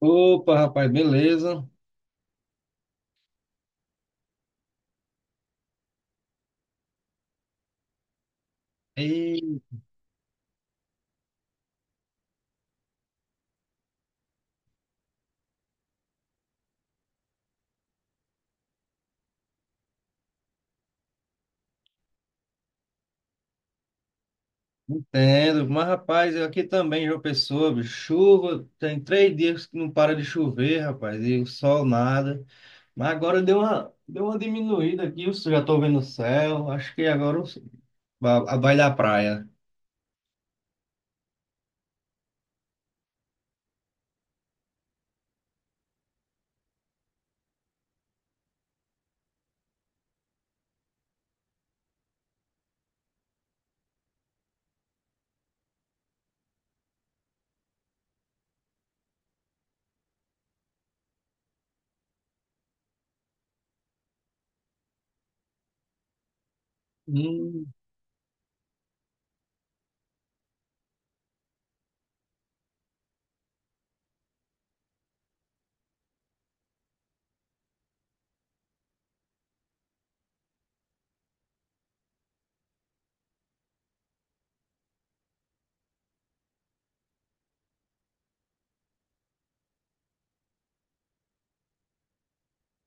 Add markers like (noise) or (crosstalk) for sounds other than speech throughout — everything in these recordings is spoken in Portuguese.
Opa, rapaz, beleza? E entendo. Mas, rapaz, eu aqui também, João Pessoa, bicho, chuva, tem 3 dias que não para de chover, rapaz, e o sol nada. Mas agora deu uma diminuída aqui, eu já tô vendo o céu, acho que vai dar praia.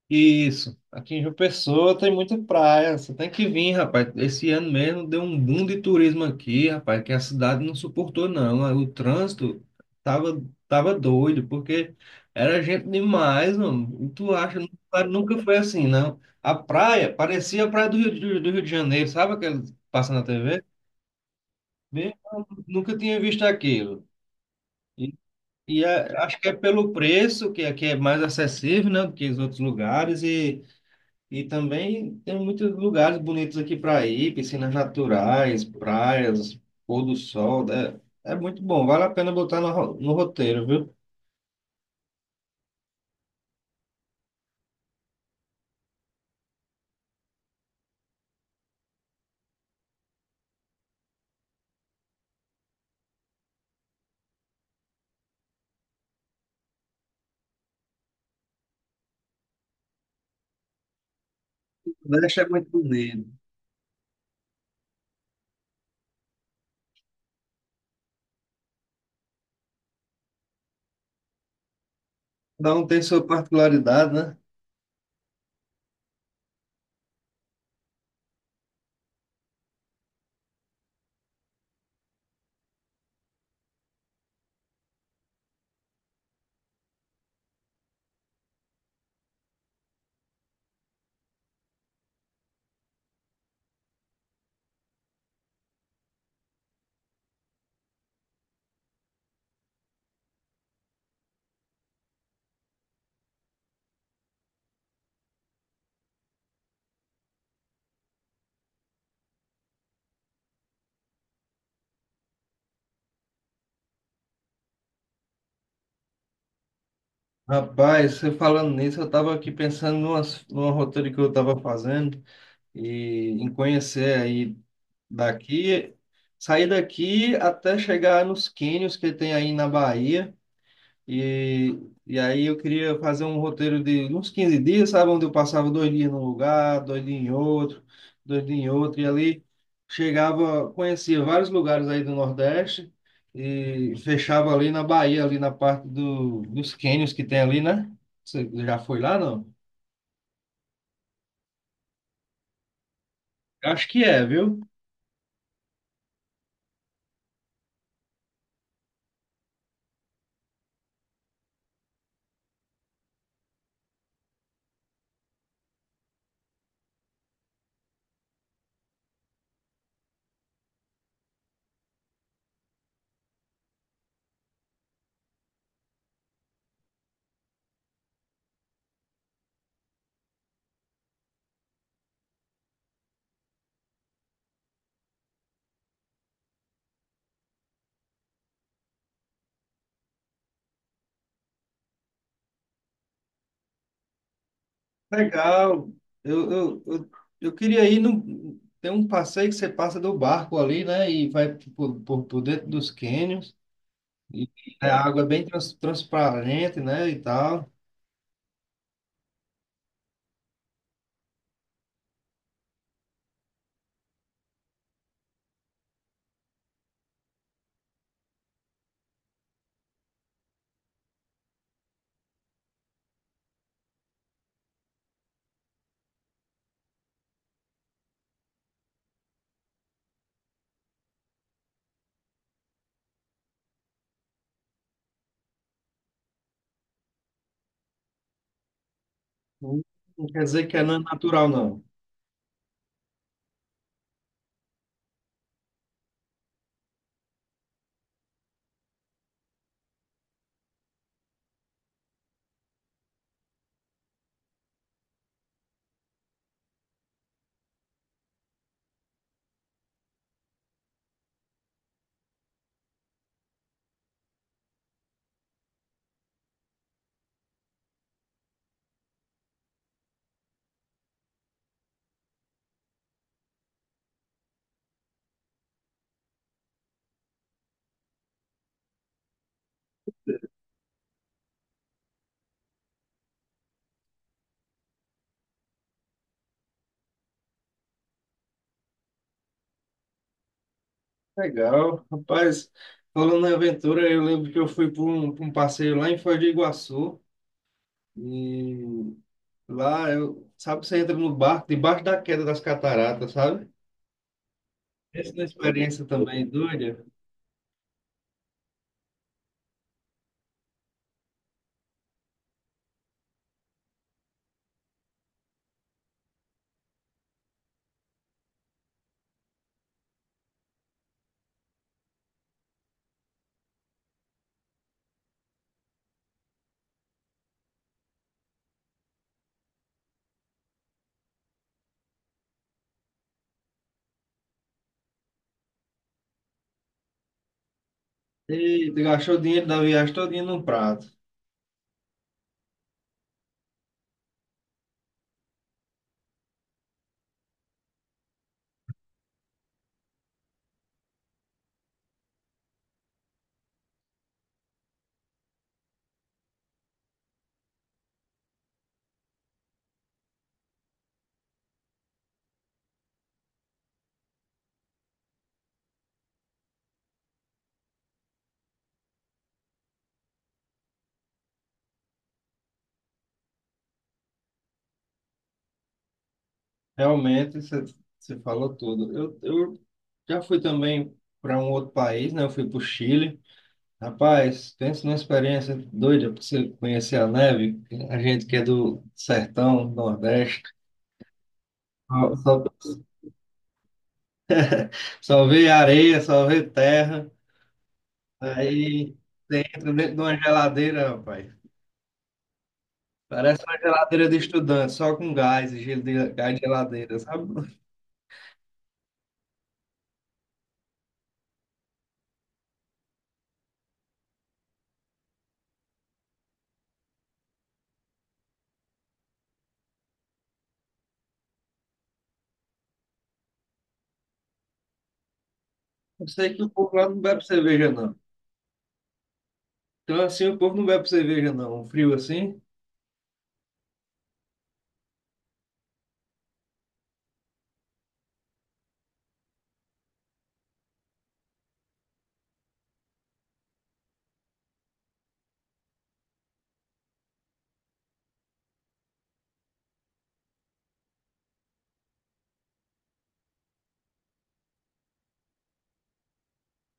Isso. Aqui em João Pessoa tem muita praia. Você tem que vir, rapaz. Esse ano mesmo deu um boom de turismo aqui, rapaz, que a cidade não suportou, não. O trânsito tava, tava doido, porque era gente demais, mano. E tu acha, nunca foi assim, não. A praia parecia a praia do Rio de Janeiro, sabe aquele que passa na TV? Bem, nunca tinha visto aquilo. E, acho que é pelo preço, que aqui é mais acessível, né, do que os outros lugares, e. E também tem muitos lugares bonitos aqui para ir, piscinas naturais, praias, pôr do sol. É, é muito bom, vale a pena botar no roteiro, viu? O Nordeste é muito bonito. Cada um tem sua particularidade, né? Rapaz, você falando nisso, eu estava aqui pensando numa roteiro que eu estava fazendo e em conhecer aí daqui, sair daqui até chegar nos cânions que tem aí na Bahia. E, e aí eu queria fazer um roteiro de uns 15 dias, sabe? Onde eu passava dois dias num lugar, dois dias em outro, dois dias em outro, e ali chegava, conhecia vários lugares aí do Nordeste e fechava ali na Bahia, ali na parte dos cânions que tem ali, né? Você já foi lá, não? Acho que é, viu? Legal. Eu, eu, eu, eu queria ir no. Tem um passeio que você passa do barco ali, né? E vai por dentro dos cânions. E a água é bem transparente, né, e tal. Não, não quer dizer que é não natural, não. Legal. Rapaz, falando em aventura, eu lembro que eu fui pra um passeio lá em Foz do Iguaçu. E lá, eu, sabe, você entra no barco, debaixo da queda das cataratas, sabe? Essa é uma experiência também doida. E gastou o dinheiro da viagem todinha num prato. Realmente, você você falou tudo. Eu já fui também para um outro país, né? Eu fui para o Chile. Rapaz, pensa numa experiência doida para você conhecer a neve. A gente que é do sertão, Nordeste, só, só, só vê areia, só vê terra. Aí você entra dentro de uma geladeira, rapaz. Parece uma geladeira de estudante, só com gás, e gelo de, gás de geladeira, sabe? Eu sei que o povo lá não bebe cerveja, não. Então, assim, o povo não bebe cerveja, não. Um frio assim.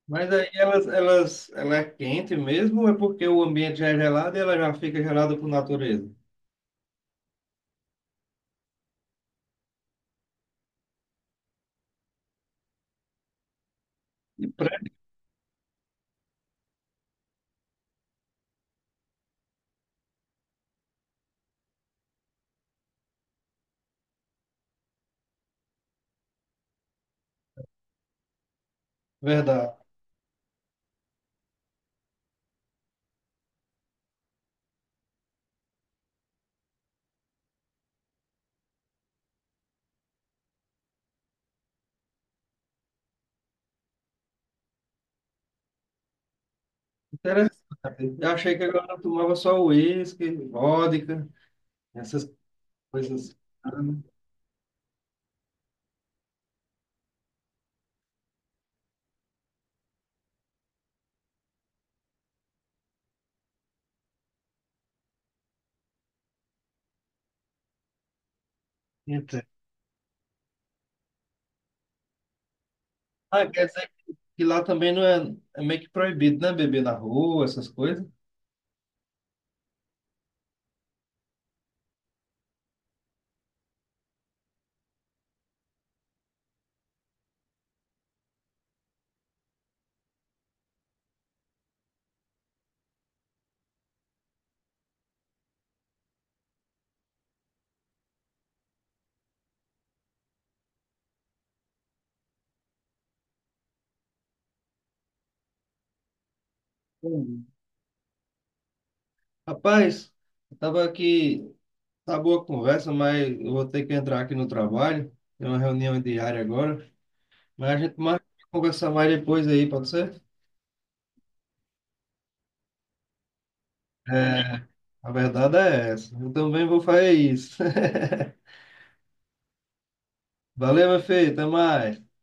Mas aí ela é quente mesmo, ou é porque o ambiente já é gelado e ela já fica gelada por natureza? Verdade. Interessante. Eu achei que agora eu tomava só uísque, vodka, essas coisas. Então, ah, quer dizer que lá também não é, é meio que proibido, né? Beber na rua, essas coisas. Hum. Rapaz, eu tava aqui, tá boa a conversa, mas eu vou ter que entrar aqui no trabalho. Tem uma reunião diária agora. Mas a gente marca de conversar mais depois aí, pode ser? É, a verdade é essa. Eu também vou fazer isso. (laughs) Valeu, meu filho. Até mais.